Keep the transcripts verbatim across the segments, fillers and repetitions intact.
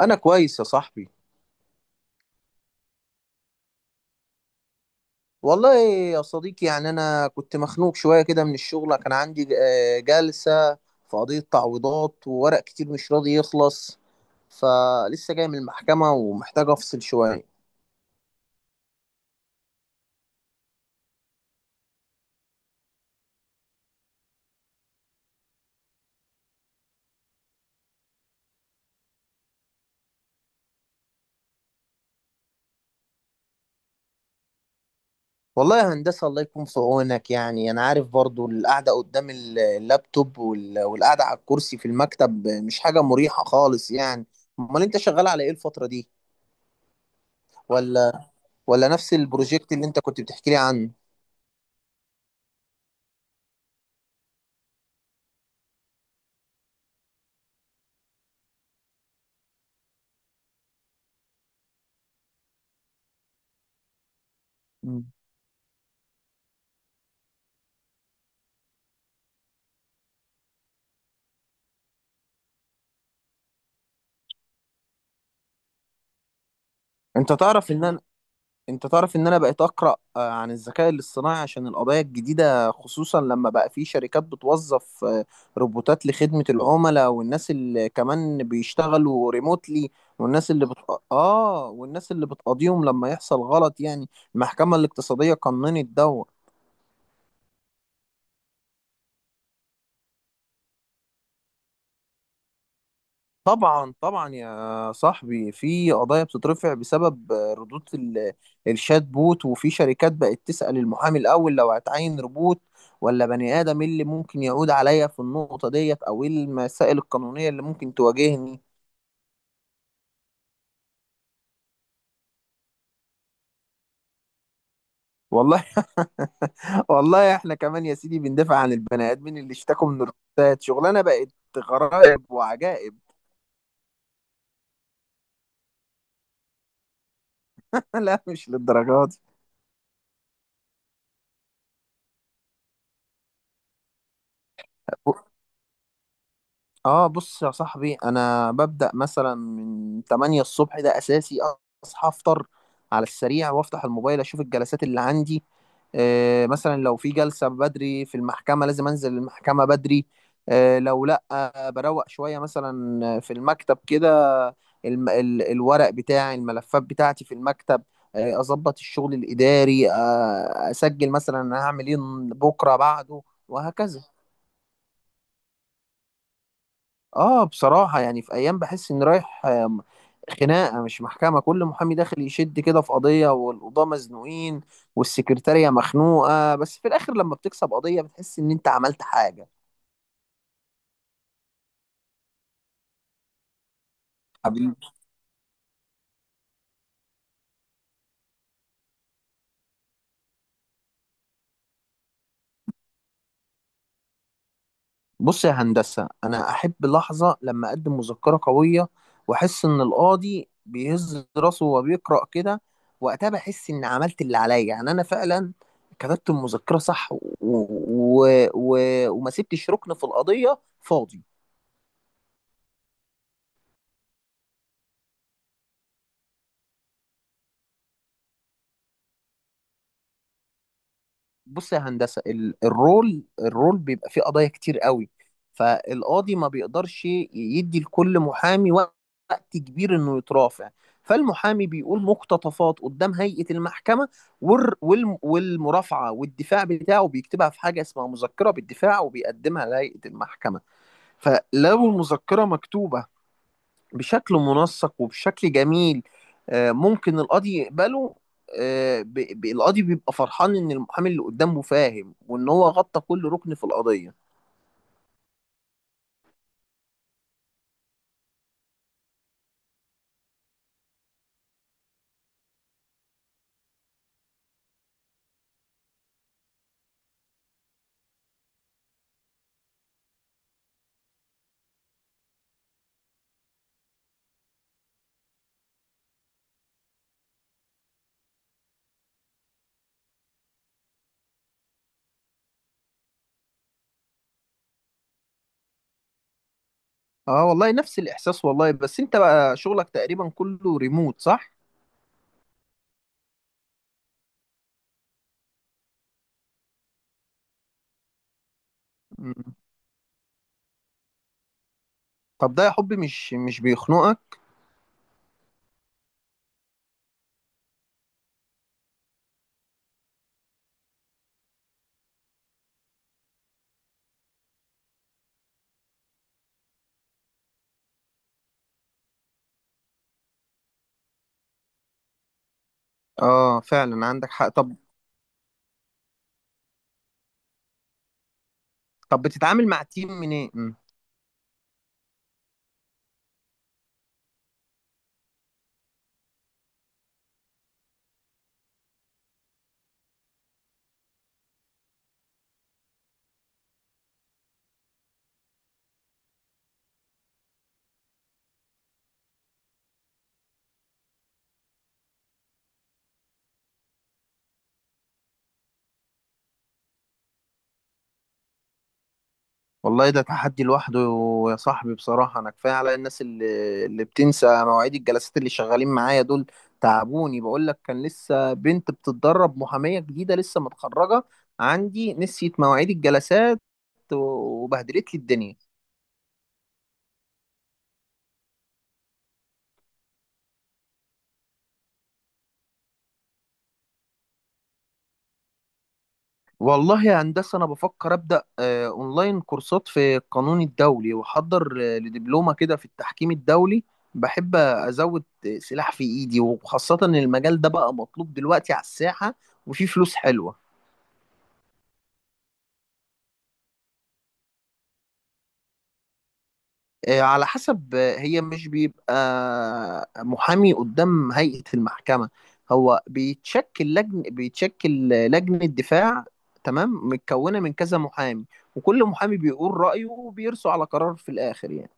انا كويس يا صاحبي. والله يا صديقي، يعني انا كنت مخنوق شويه كده من الشغل. كان عندي آه، جلسه في قضيه تعويضات وورق كتير مش راضي يخلص. فلسه جاي من المحكمه ومحتاج افصل شويه. والله يا هندسه، الله يكون في عونك. يعني انا عارف برضو القعده قدام ال- اللابتوب وال- والقعده على الكرسي في المكتب مش حاجه مريحه خالص يعني. امال انت شغال على ايه الفتره دي؟ ولا ولا نفس البروجكت اللي انت كنت بتحكي لي عنه؟ مم. انت تعرف ان انا انت تعرف ان انا بقيت اقرا آه، عن الذكاء الاصطناعي عشان القضايا الجديده، خصوصا لما بقى في شركات بتوظف آه، روبوتات لخدمه العملاء، والناس اللي كمان بيشتغلوا ريموتلي. والناس اللي بت... اه، والناس اللي بتقاضيهم لما يحصل غلط يعني. المحكمه الاقتصاديه قننت ده. طبعا طبعا يا صاحبي، في قضايا بتترفع بسبب ردود ال- الشات بوت، وفي شركات بقت تسأل المحامي الأول لو هتعين روبوت ولا بني آدم، إيه اللي ممكن يعود عليا في النقطة ديت، أو إيه المسائل القانونية اللي ممكن تواجهني. والله والله إحنا كمان يا سيدي بندافع عن البني آدمين اللي اشتكوا من الروبوتات. شغلانة بقت غرائب وعجائب. لا، مش للدرجات. اه، بص يا صاحبي، انا ببدأ مثلا من تمانية الصبح، ده اساسي. اصحى افطر على السريع وافتح الموبايل، اشوف الجلسات اللي عندي. آه، مثلا لو في جلسة بدري في المحكمة لازم انزل المحكمة بدري. آه لو لا، آه بروق شوية مثلا في المكتب كده. الم ال الورق بتاعي، الملفات بتاعتي في المكتب. آه اظبط الشغل الاداري، آه اسجل مثلا انا هعمل ايه بكرة بعده، وهكذا. اه، بصراحة يعني في ايام بحس اني رايح آم، خناقة مش محكمة. كل محامي داخل يشد كده في قضية، والقضاة مزنوقين، والسكرتارية مخنوقة، بس في الاخر لما بتكسب قضية بتحس ان انت عملت حاجة. حبيبي. بص يا هندسة، انا احب لحظة لما اقدم مذكرة قوية واحس ان القاضي بيهز راسه وهو بيقرأ كده. وقتها بحس اني عملت اللي عليا، يعني انا فعلا كتبت المذكرة صح و... و... و... وما سبتش ركن في القضية فاضي. بص يا هندسة، ال- الرول الرول بيبقى فيه قضايا كتير قوي، فالقاضي ما بيقدرش يدي لكل محامي وقت كبير انه يترافع، فالمحامي بيقول مقتطفات قدام هيئة المحكمة. والر- والم- والمرافعة والدفاع بتاعه بيكتبها في حاجة اسمها مذكرة بالدفاع، وبيقدمها لهيئة المحكمة. فلو المذكرة مكتوبة بشكل منسق وبشكل جميل، آه، ممكن القاضي يقبله. آه، ب- ب- القاضي بيبقى فرحان ان المحامي اللي قدامه فاهم، وان هو غطى كل ركن في القضية. اه، والله نفس الاحساس والله. بس انت بقى شغلك تقريبا كله ريموت، صح؟ مم. طب ده يا حبي مش مش بيخنقك؟ اه فعلا عندك حق. طب، طب بتتعامل مع تيم منين؟ والله ده تحدي لوحده يا صاحبي. بصراحة أنا كفاية على الناس اللي, اللي بتنسى مواعيد الجلسات، اللي شغالين معايا دول تعبوني. بقول لك، كان لسه بنت بتتدرب محامية جديدة لسه متخرجة عندي، نسيت مواعيد الجلسات وبهدلت لي الدنيا. والله يا هندسة، أنا بفكر أبدأ آه، أونلاين كورسات في القانون الدولي، وأحضر آه، لدبلومة كده في التحكيم الدولي. بحب أزود سلاح في إيدي، وخاصة إن المجال ده بقى مطلوب دلوقتي على الساحة، وفي فلوس حلوة. آه، على حسب. آه، هي مش بيبقى محامي قدام هيئة المحكمة. هو بيتشكل لجن بيتشكل لجنة دفاع تمام، متكونة من كذا محامي، وكل محامي بيقول رأيه، وبيرسوا على قرار في الآخر يعني.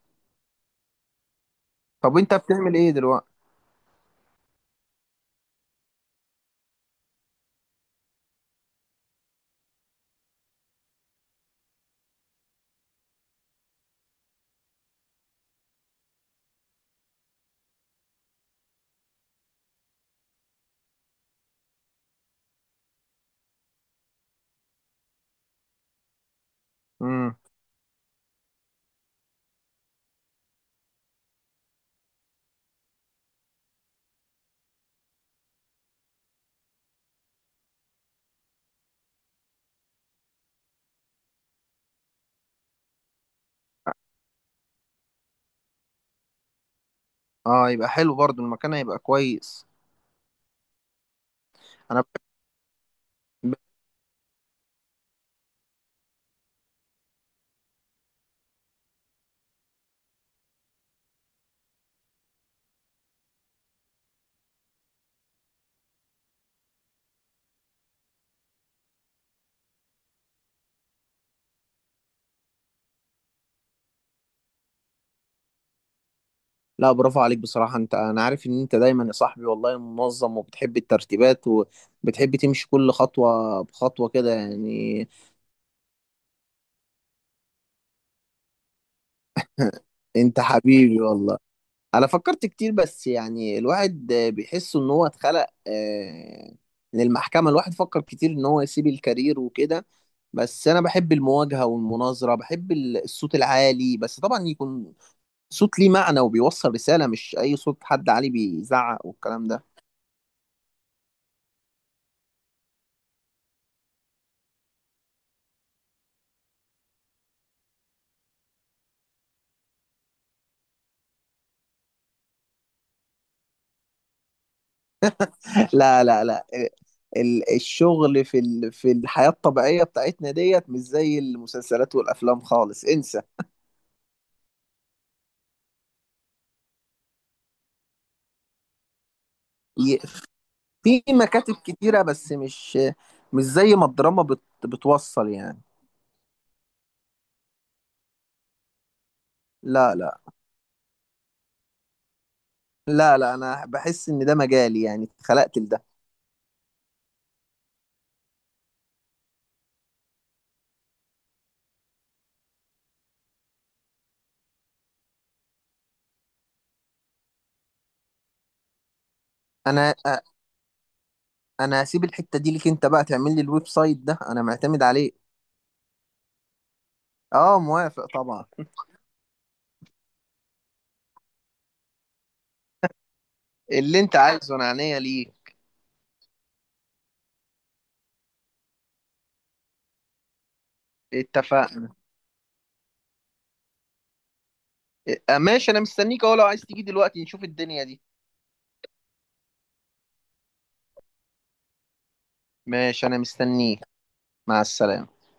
طب وانت بتعمل ايه دلوقتي؟ امم. اه، يبقى حلو برضو، المكان هيبقى كويس. انا بحب... لا برافو عليك بصراحة. انت، انا عارف ان انت دايما يا صاحبي والله منظم، وبتحب الترتيبات، وبتحب تمشي كل خطوة بخطوة كده يعني. انت حبيبي والله. انا فكرت كتير، بس يعني الواحد آه، بيحس ان هو اتخلق آه، للمحكمة. الواحد فكر كتير ان هو يسيب الكارير وكده، بس انا بحب المواجهة والمناظرة، بحب ال- الصوت العالي، بس طبعا يكون صوت ليه معنى وبيوصل رسالة، مش اي صوت حد عالي بيزعق والكلام ده. لا لا لا، ال- الشغل في ال- في الحياة الطبيعية بتاعتنا ديت مش زي المسلسلات والافلام خالص، انسى. في مكاتب كتيرة، بس مش مش زي ما الدراما بت بتوصل يعني. لا لا لا، لا انا بحس ان ده مجالي يعني، اتخلقت لده. انا أ- انا هسيب الحتة دي ليك انت بقى، تعمل لي الويب سايت ده، انا معتمد عليه. اه، موافق طبعا. اللي انت عايزه انا عينيا ليك. اتفقنا. إيه، ماشي انا مستنيك اهو، لو عايز تيجي دلوقتي نشوف الدنيا دي. ماشي انا مستنيك. مع السلامة.